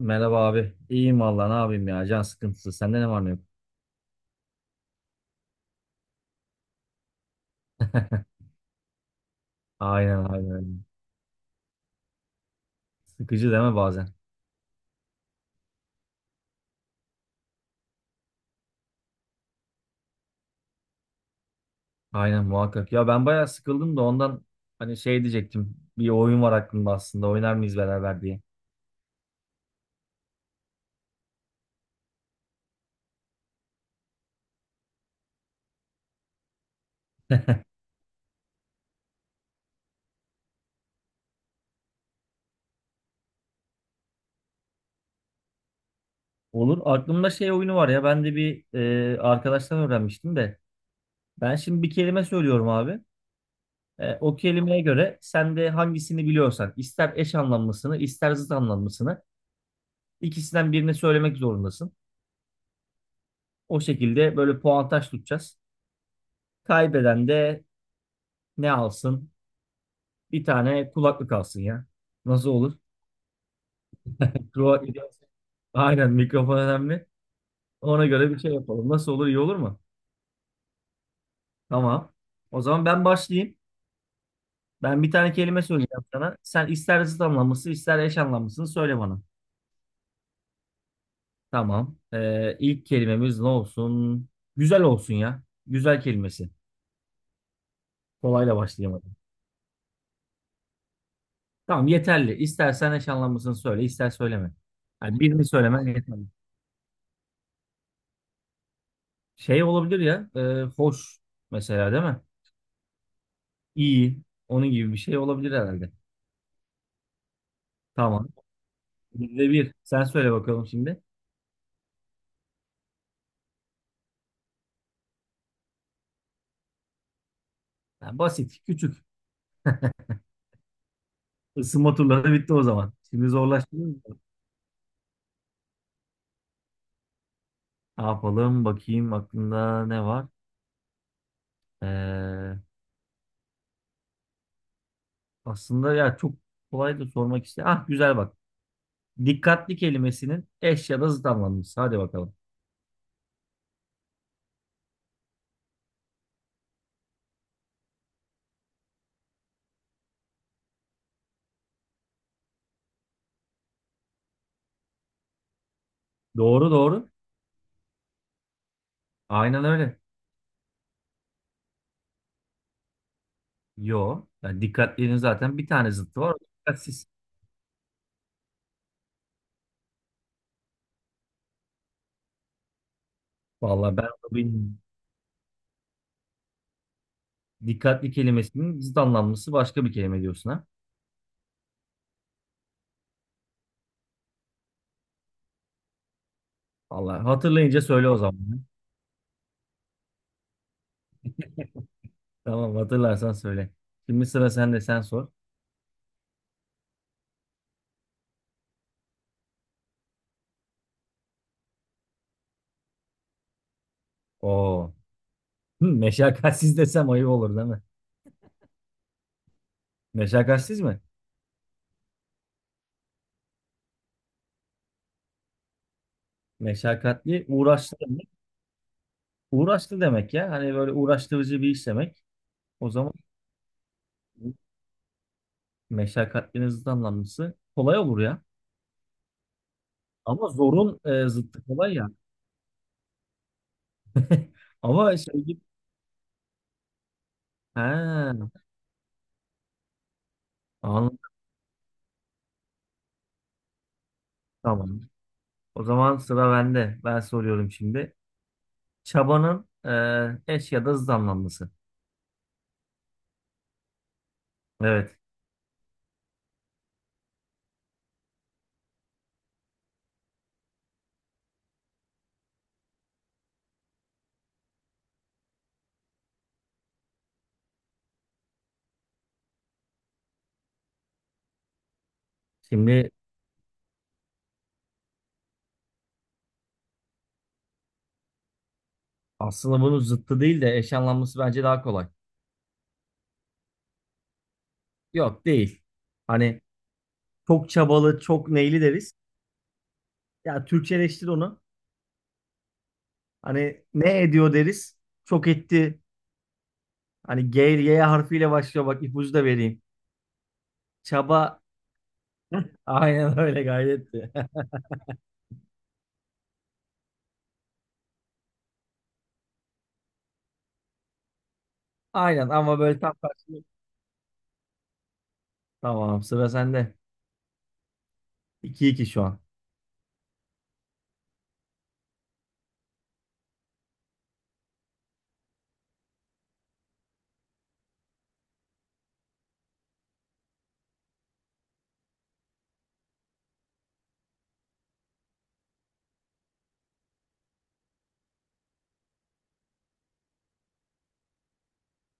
Merhaba abi. İyiyim vallahi ne yapayım ya. Can sıkıntısı. Sende ne var ne yok? Aynen. Sıkıcı deme bazen. Aynen muhakkak. Ya ben bayağı sıkıldım da ondan hani diyecektim. Bir oyun var aklımda aslında. Oynar mıyız beraber diye. Olur. Aklımda oyunu var ya. Ben de bir arkadaştan öğrenmiştim de. Ben şimdi bir kelime söylüyorum abi. O kelimeye göre sen de hangisini biliyorsan ister eş anlamlısını ister zıt anlamlısını ikisinden birini söylemek zorundasın. O şekilde böyle puantaj tutacağız. Kaybeden de ne alsın? Bir tane kulaklık alsın ya. Nasıl olur? Mikro... Aynen, mikrofon önemli. Ona göre bir şey yapalım. Nasıl olur? İyi olur mu? Tamam. O zaman ben başlayayım. Ben bir tane kelime söyleyeceğim sana. Sen ister zıt anlamlısı ister eş anlamlısını söyle bana. Tamam. İlk kelimemiz ne olsun? Güzel olsun ya. Güzel kelimesi. Kolayla başlayamadım. Tamam, yeterli. İstersen eş anlamlısını söyle, ister söyleme. Yani birini söylemen yeterli. Olabilir ya. Hoş mesela, değil mi? İyi. Onun gibi bir şey olabilir herhalde. Tamam. Bizde bir. Sen söyle bakalım şimdi. Ha, basit. Küçük. Isınma turları bitti o zaman. Şimdi zorlaştırıyoruz. Ne yapalım? Bakayım aklında ne var? Ee, Aslında ya çok kolay da sormak istedim. Ah güzel bak. Dikkatli kelimesinin eş ya da zıt anlamlısı. Hadi bakalım. Doğru doğru. Aynen öyle. Yo. Yani dikkatliğinin zaten bir tane zıttı var, o da: dikkatsiz. Vallahi ben onu bilmiyorum. Dikkatli kelimesinin zıt anlamlısı başka bir kelime diyorsun ha. Vallahi hatırlayınca söyle o zaman. Tamam, hatırlarsan söyle. Şimdi sıra sende, sen sor. Oo. Hı, meşakkatsiz desem ayıp olur değil mi? Meşakkatsiz mi? Meşakkatli, uğraşlı demek. Uğraşlı demek ya. Hani böyle uğraştırıcı bir iş demek. O zaman meşakkatlinin zıt anlamlısı kolay olur ya. Ama zorun zıttı kolay ya. Ama şey gibi. He, anladım. Tamam. O zaman sıra bende. Ben soruyorum şimdi. Çabanın eş ya da zıt anlamlısı. Evet. Şimdi aslında bunun zıttı değil de eş anlamlısı bence daha kolay. Yok değil. Hani çok çabalı, çok neyli deriz. Ya Türkçeleştir onu. Hani ne ediyor deriz. Çok etti. Hani G, Y harfiyle başlıyor. Bak ipucu da vereyim. Çaba aynen öyle, gayretti. Aynen, ama böyle tam karşılığı. Tamam, sıra sende. 2 iki şu an.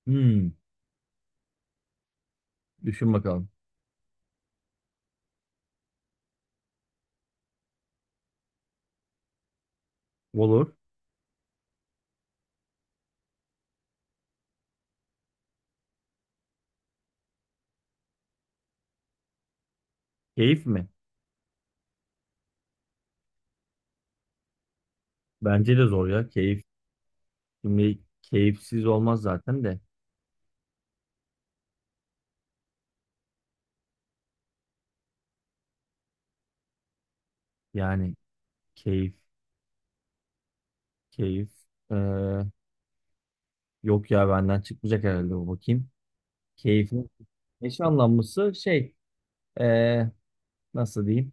Hmm, düşün bakalım. Olur. Keyif mi? Bence de zor ya. Keyif. Şimdi keyifsiz olmaz zaten de. Yani keyif, keyif. Ee, Yok ya benden çıkmayacak herhalde bu, bakayım. Keyfin eş anlamlısı ee, nasıl diyeyim?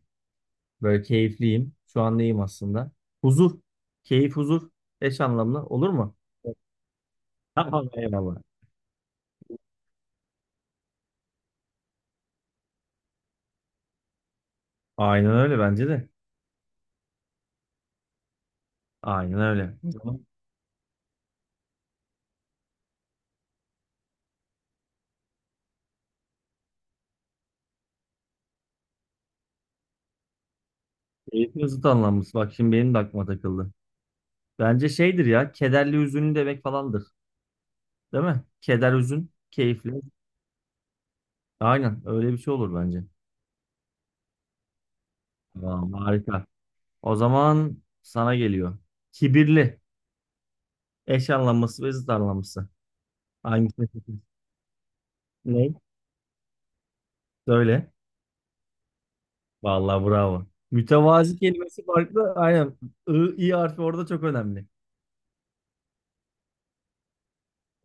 Böyle keyifliyim. Şu an neyim aslında? Huzur. Keyif, huzur. Eş anlamlı olur mu? Evet. Tamam, eyvallah. Aynen öyle bence de. Aynen öyle. Tamam. Keyfin zıt anlamlısı. Bak şimdi benim de aklıma takıldı. Bence şeydir ya. Kederli, hüzünlü demek falandır. Değil mi? Keder, hüzün. Keyifli. Aynen öyle bir şey olur bence. Tamam, harika. O zaman sana geliyor. Kibirli. Eş anlamlısı ve zıt anlamlısı. Hangisini seçersin? Ne? Söyle. Vallahi bravo. Mütevazi kelimesi farklı. Aynen. I, i harfi orada çok önemli.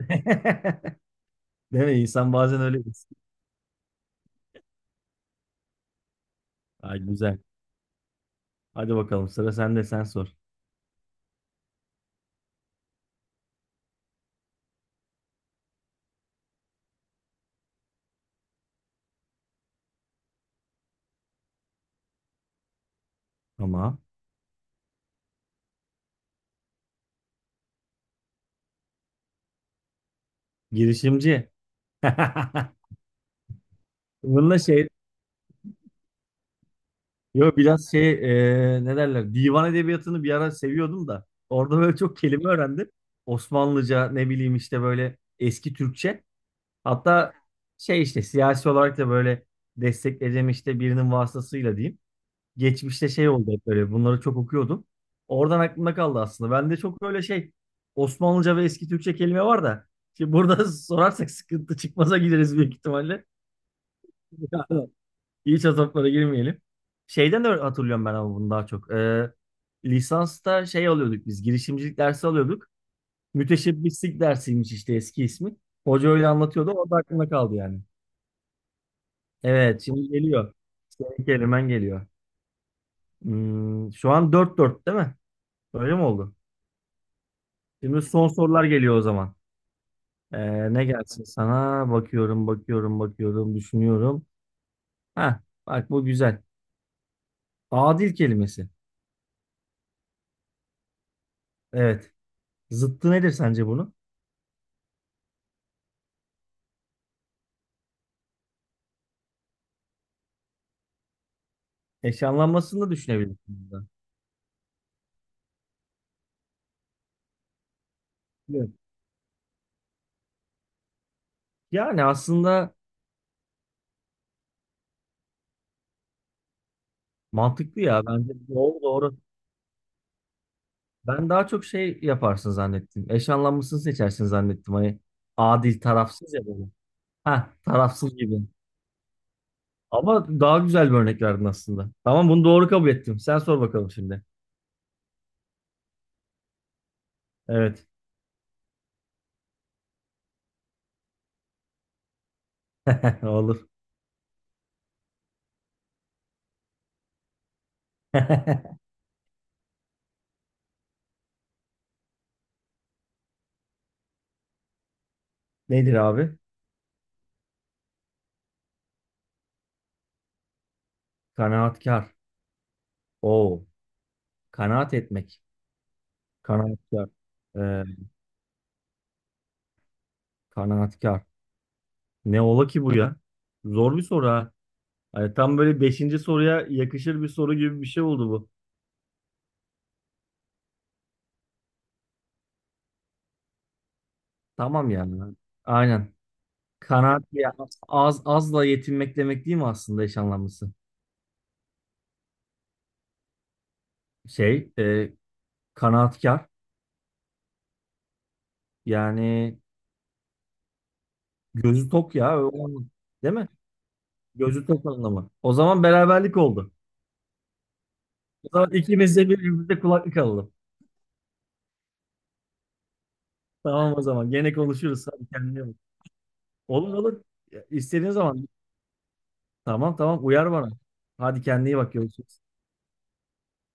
Değil mi? İnsan bazen öyle. Ay güzel. Hadi bakalım, sıra sende, sen sor. Tamam. Girişimci. Bununla şey Yo, biraz ne derler, divan edebiyatını bir ara seviyordum da orada böyle çok kelime öğrendim. Osmanlıca, ne bileyim işte, böyle eski Türkçe. Hatta işte siyasi olarak da böyle destekleyeceğim işte, birinin vasıtasıyla diyeyim. Geçmişte oldu, hep böyle bunları çok okuyordum. Oradan aklımda kaldı aslında. Bende çok böyle Osmanlıca ve eski Türkçe kelime var da. Şimdi burada sorarsak sıkıntı, çıkmaza gideriz büyük ihtimalle. İç azaplara girmeyelim. Şeyden de hatırlıyorum ben ama bunu daha çok. Lisansta alıyorduk biz. Girişimcilik dersi alıyorduk. Müteşebbislik dersiymiş işte, eski ismi. Hoca öyle anlatıyordu. O da aklımda kaldı yani. Evet, şimdi geliyor. Senin kelimen geliyor. Hmm, şu an dört dört değil mi? Öyle mi oldu? Şimdi son sorular geliyor o zaman. Ne gelsin sana? Bakıyorum, bakıyorum, bakıyorum, düşünüyorum. Ha, bak bu güzel. Adil kelimesi. Evet. Zıttı nedir sence bunun? Eşyalanmasını da düşünebilirsiniz. De. Evet. Yani aslında mantıklı ya. Bence doğru doğru. Ben daha çok şey yaparsın zannettim. Eşanlanmasını seçersin zannettim. Hani adil, tarafsız ya böyle. Ha, tarafsız gibi. Ama daha güzel bir örnek verdin aslında. Tamam, bunu doğru kabul ettim. Sen sor bakalım şimdi. Evet. Olur. Nedir abi? Kanaatkar. Oo. Kanaat etmek. Kanaatkar. Ee, Kanaatkar. Ne ola ki bu ya? Zor bir soru ha. Hani tam böyle beşinci soruya yakışır bir soru gibi bir şey oldu bu. Tamam yani. Aynen. Kanaat ya, az azla yetinmek demek değil mi aslında, eş anlamlısı? Şey, e, kanaatkar yani gözü tok ya, o anlam- değil mi? Gözü tok anlamı. O zaman beraberlik oldu. O zaman ikimiz de birbirimize kulaklık alalım. Tamam o zaman. Gene konuşuruz. Hadi kendine bak. Olur olur. Ya, İstediğin zaman. Tamam, uyar bana. Hadi kendine iyi bak. Görüşürüz.